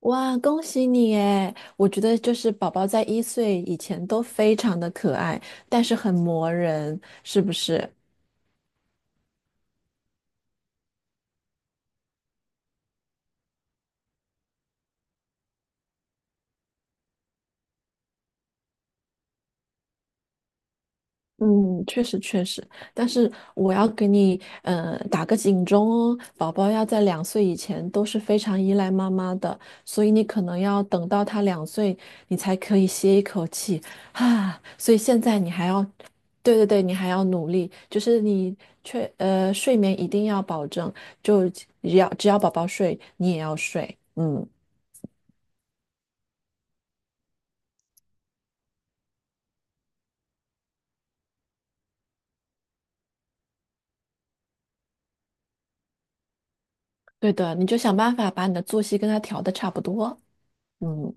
哇，恭喜你诶，我觉得就是宝宝在1岁以前都非常的可爱，但是很磨人，是不是？嗯，确实确实。但是我要给你打个警钟哦，宝宝要在两岁以前都是非常依赖妈妈的，所以你可能要等到他两岁，你才可以歇一口气啊。所以现在你还要对对对，你还要努力，就是你睡眠一定要保证，就只要宝宝睡，你也要睡，嗯，对的，你就想办法把你的作息跟他调的差不多，嗯，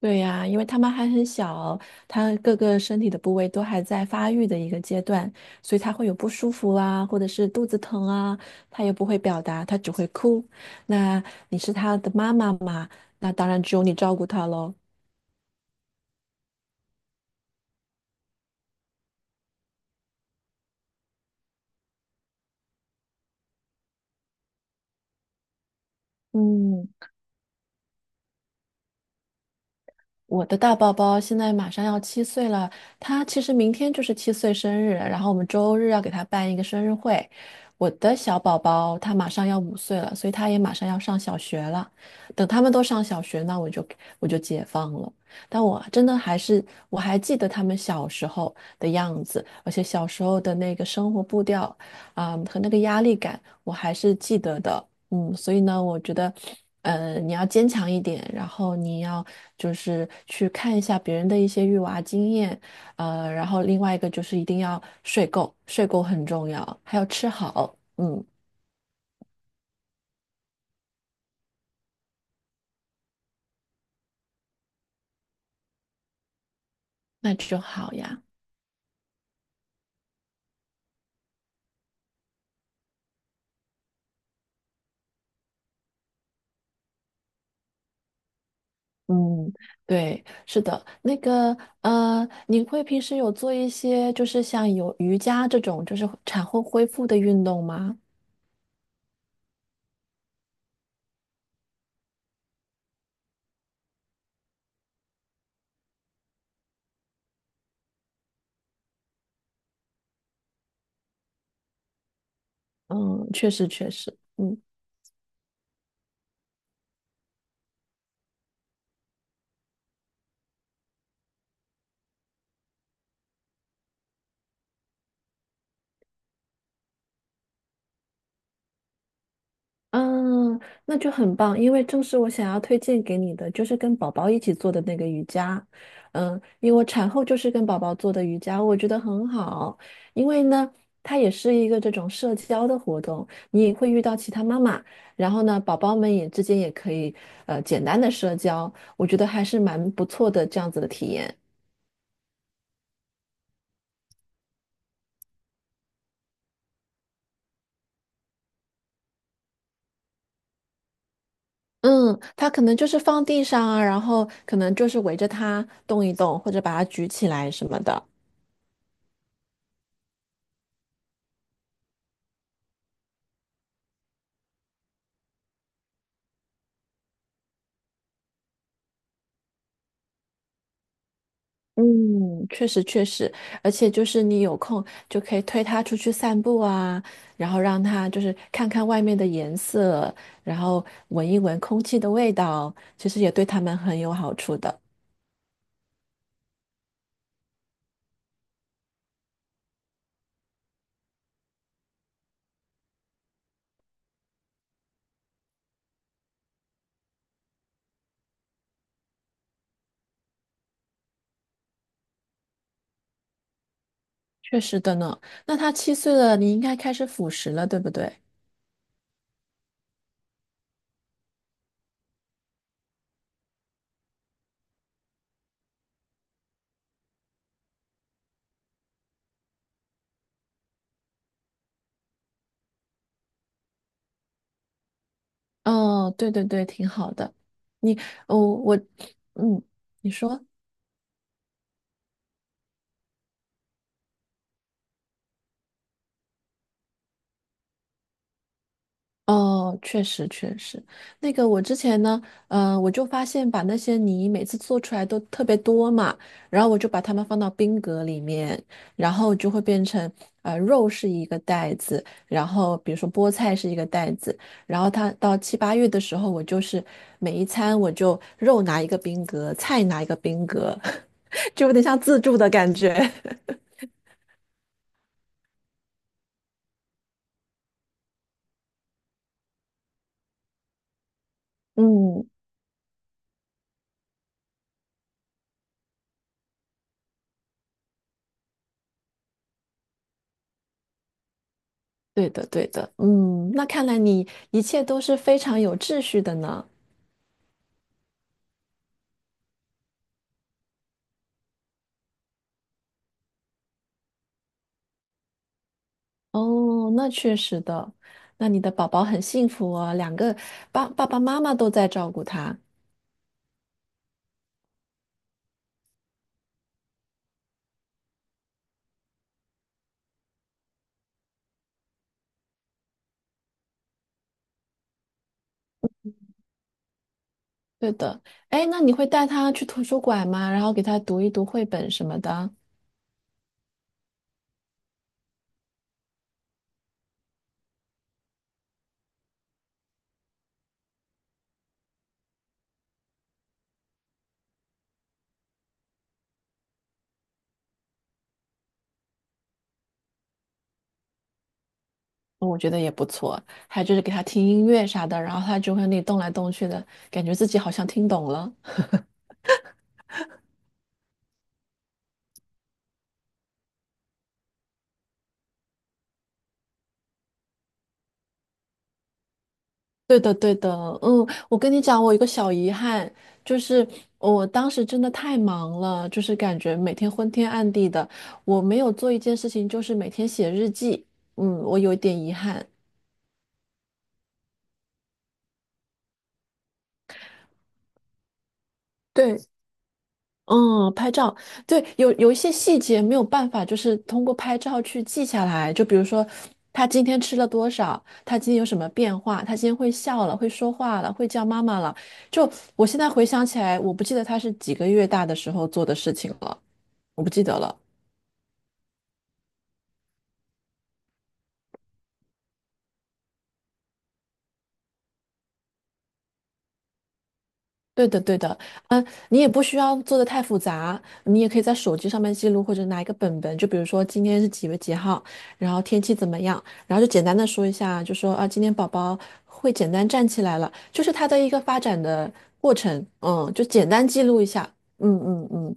对呀，因为他们还很小，他各个身体的部位都还在发育的一个阶段，所以他会有不舒服啊，或者是肚子疼啊，他也不会表达，他只会哭。那你是他的妈妈嘛？那当然只有你照顾他喽，嗯。我的大宝宝现在马上要七岁了，他其实明天就是七岁生日，然后我们周日要给他办一个生日会。我的小宝宝他马上要5岁了，所以他也马上要上小学了。等他们都上小学，那我就解放了。但我真的还是我还记得他们小时候的样子，而且小时候的那个生活步调啊，和那个压力感，我还是记得的。所以呢，我觉得，你要坚强一点，然后你要就是去看一下别人的一些育娃经验，然后另外一个就是一定要睡够，睡够很重要，还要吃好，那就好呀。嗯，对，是的，那个，你会平时有做一些就是像有瑜伽这种就是产后恢复的运动吗？嗯，确实确实，嗯。嗯，那就很棒，因为正是我想要推荐给你的，就是跟宝宝一起做的那个瑜伽。因为我产后就是跟宝宝做的瑜伽，我觉得很好，因为呢，它也是一个这种社交的活动，你也会遇到其他妈妈，然后呢，宝宝们也之间也可以简单的社交，我觉得还是蛮不错的这样子的体验。嗯，它可能就是放地上啊，然后可能就是围着它动一动，或者把它举起来什么的。嗯，确实确实，而且就是你有空就可以推它出去散步啊，然后让它就是看看外面的颜色，然后闻一闻空气的味道，其实也对它们很有好处的。确实的呢。那它七岁了，你应该开始辅食了，对不对？哦，对对对，挺好的。你，哦，嗯，你说。哦，确实确实，那个我之前呢，我就发现把那些泥每次做出来都特别多嘛，然后我就把它们放到冰格里面，然后就会变成，肉是一个袋子，然后比如说菠菜是一个袋子，然后它到七八月的时候，我就是每一餐我就肉拿一个冰格，菜拿一个冰格，就有点像自助的感觉。嗯，对的对的，那看来你一切都是非常有秩序的呢。哦，那确实的，那你的宝宝很幸福哦，两个爸爸妈妈都在照顾他。对的，哎，那你会带他去图书馆吗？然后给他读一读绘本什么的，我觉得也不错。还有就是给他听音乐啥的，然后他就会那里动来动去的，感觉自己好像听懂了。对的，对的，我跟你讲，我有一个小遗憾，就是我当时真的太忙了，就是感觉每天昏天暗地的，我没有做一件事情，就是每天写日记，我有一点遗憾。对。嗯，拍照，对，有一些细节没有办法，就是通过拍照去记下来。就比如说，他今天吃了多少，他今天有什么变化，他今天会笑了，会说话了，会叫妈妈了。就我现在回想起来，我不记得他是几个月大的时候做的事情了，我不记得了。对的，对的，你也不需要做的太复杂，你也可以在手机上面记录，或者拿一个本本，就比如说今天是几月几号，然后天气怎么样，然后就简单的说一下，就说啊，今天宝宝会简单站起来了，就是他的一个发展的过程，就简单记录一下，嗯嗯嗯，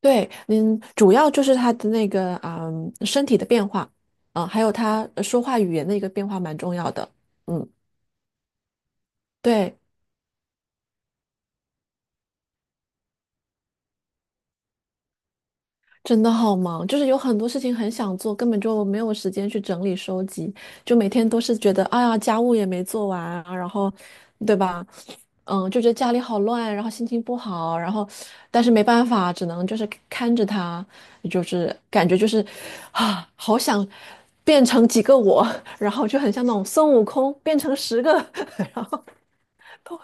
对，主要就是他的那个啊，身体的变化，啊，还有他说话语言的一个变化蛮重要的，嗯，对。真的好忙，就是有很多事情很想做，根本就没有时间去整理收集，就每天都是觉得，哎呀，家务也没做完啊，然后，对吧？就觉得家里好乱，然后心情不好，然后，但是没办法，只能就是看着他，就是感觉就是，啊，好想变成几个我，然后就很像那种孙悟空变成10个，然后都。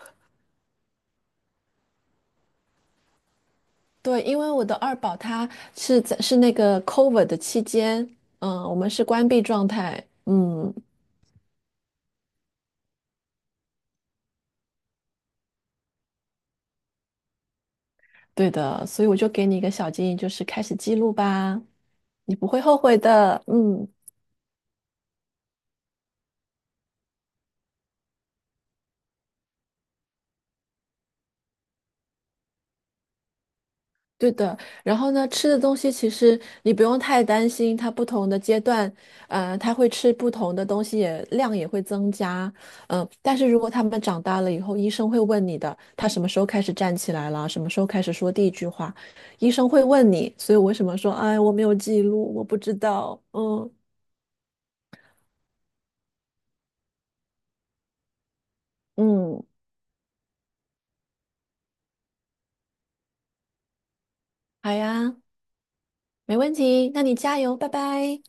对，因为我的二宝他是在那个 COVID 的期间，我们是关闭状态，嗯，对的，所以我就给你一个小建议，就是开始记录吧，你不会后悔的，嗯。对的，然后呢，吃的东西其实你不用太担心，它不同的阶段，它会吃不同的东西也，量也会增加，但是如果他们长大了以后，医生会问你的，他什么时候开始站起来了，什么时候开始说第一句话，医生会问你，所以我为什么说，哎，我没有记录，我不知道，嗯嗯，好呀，没问题，那你加油，拜拜。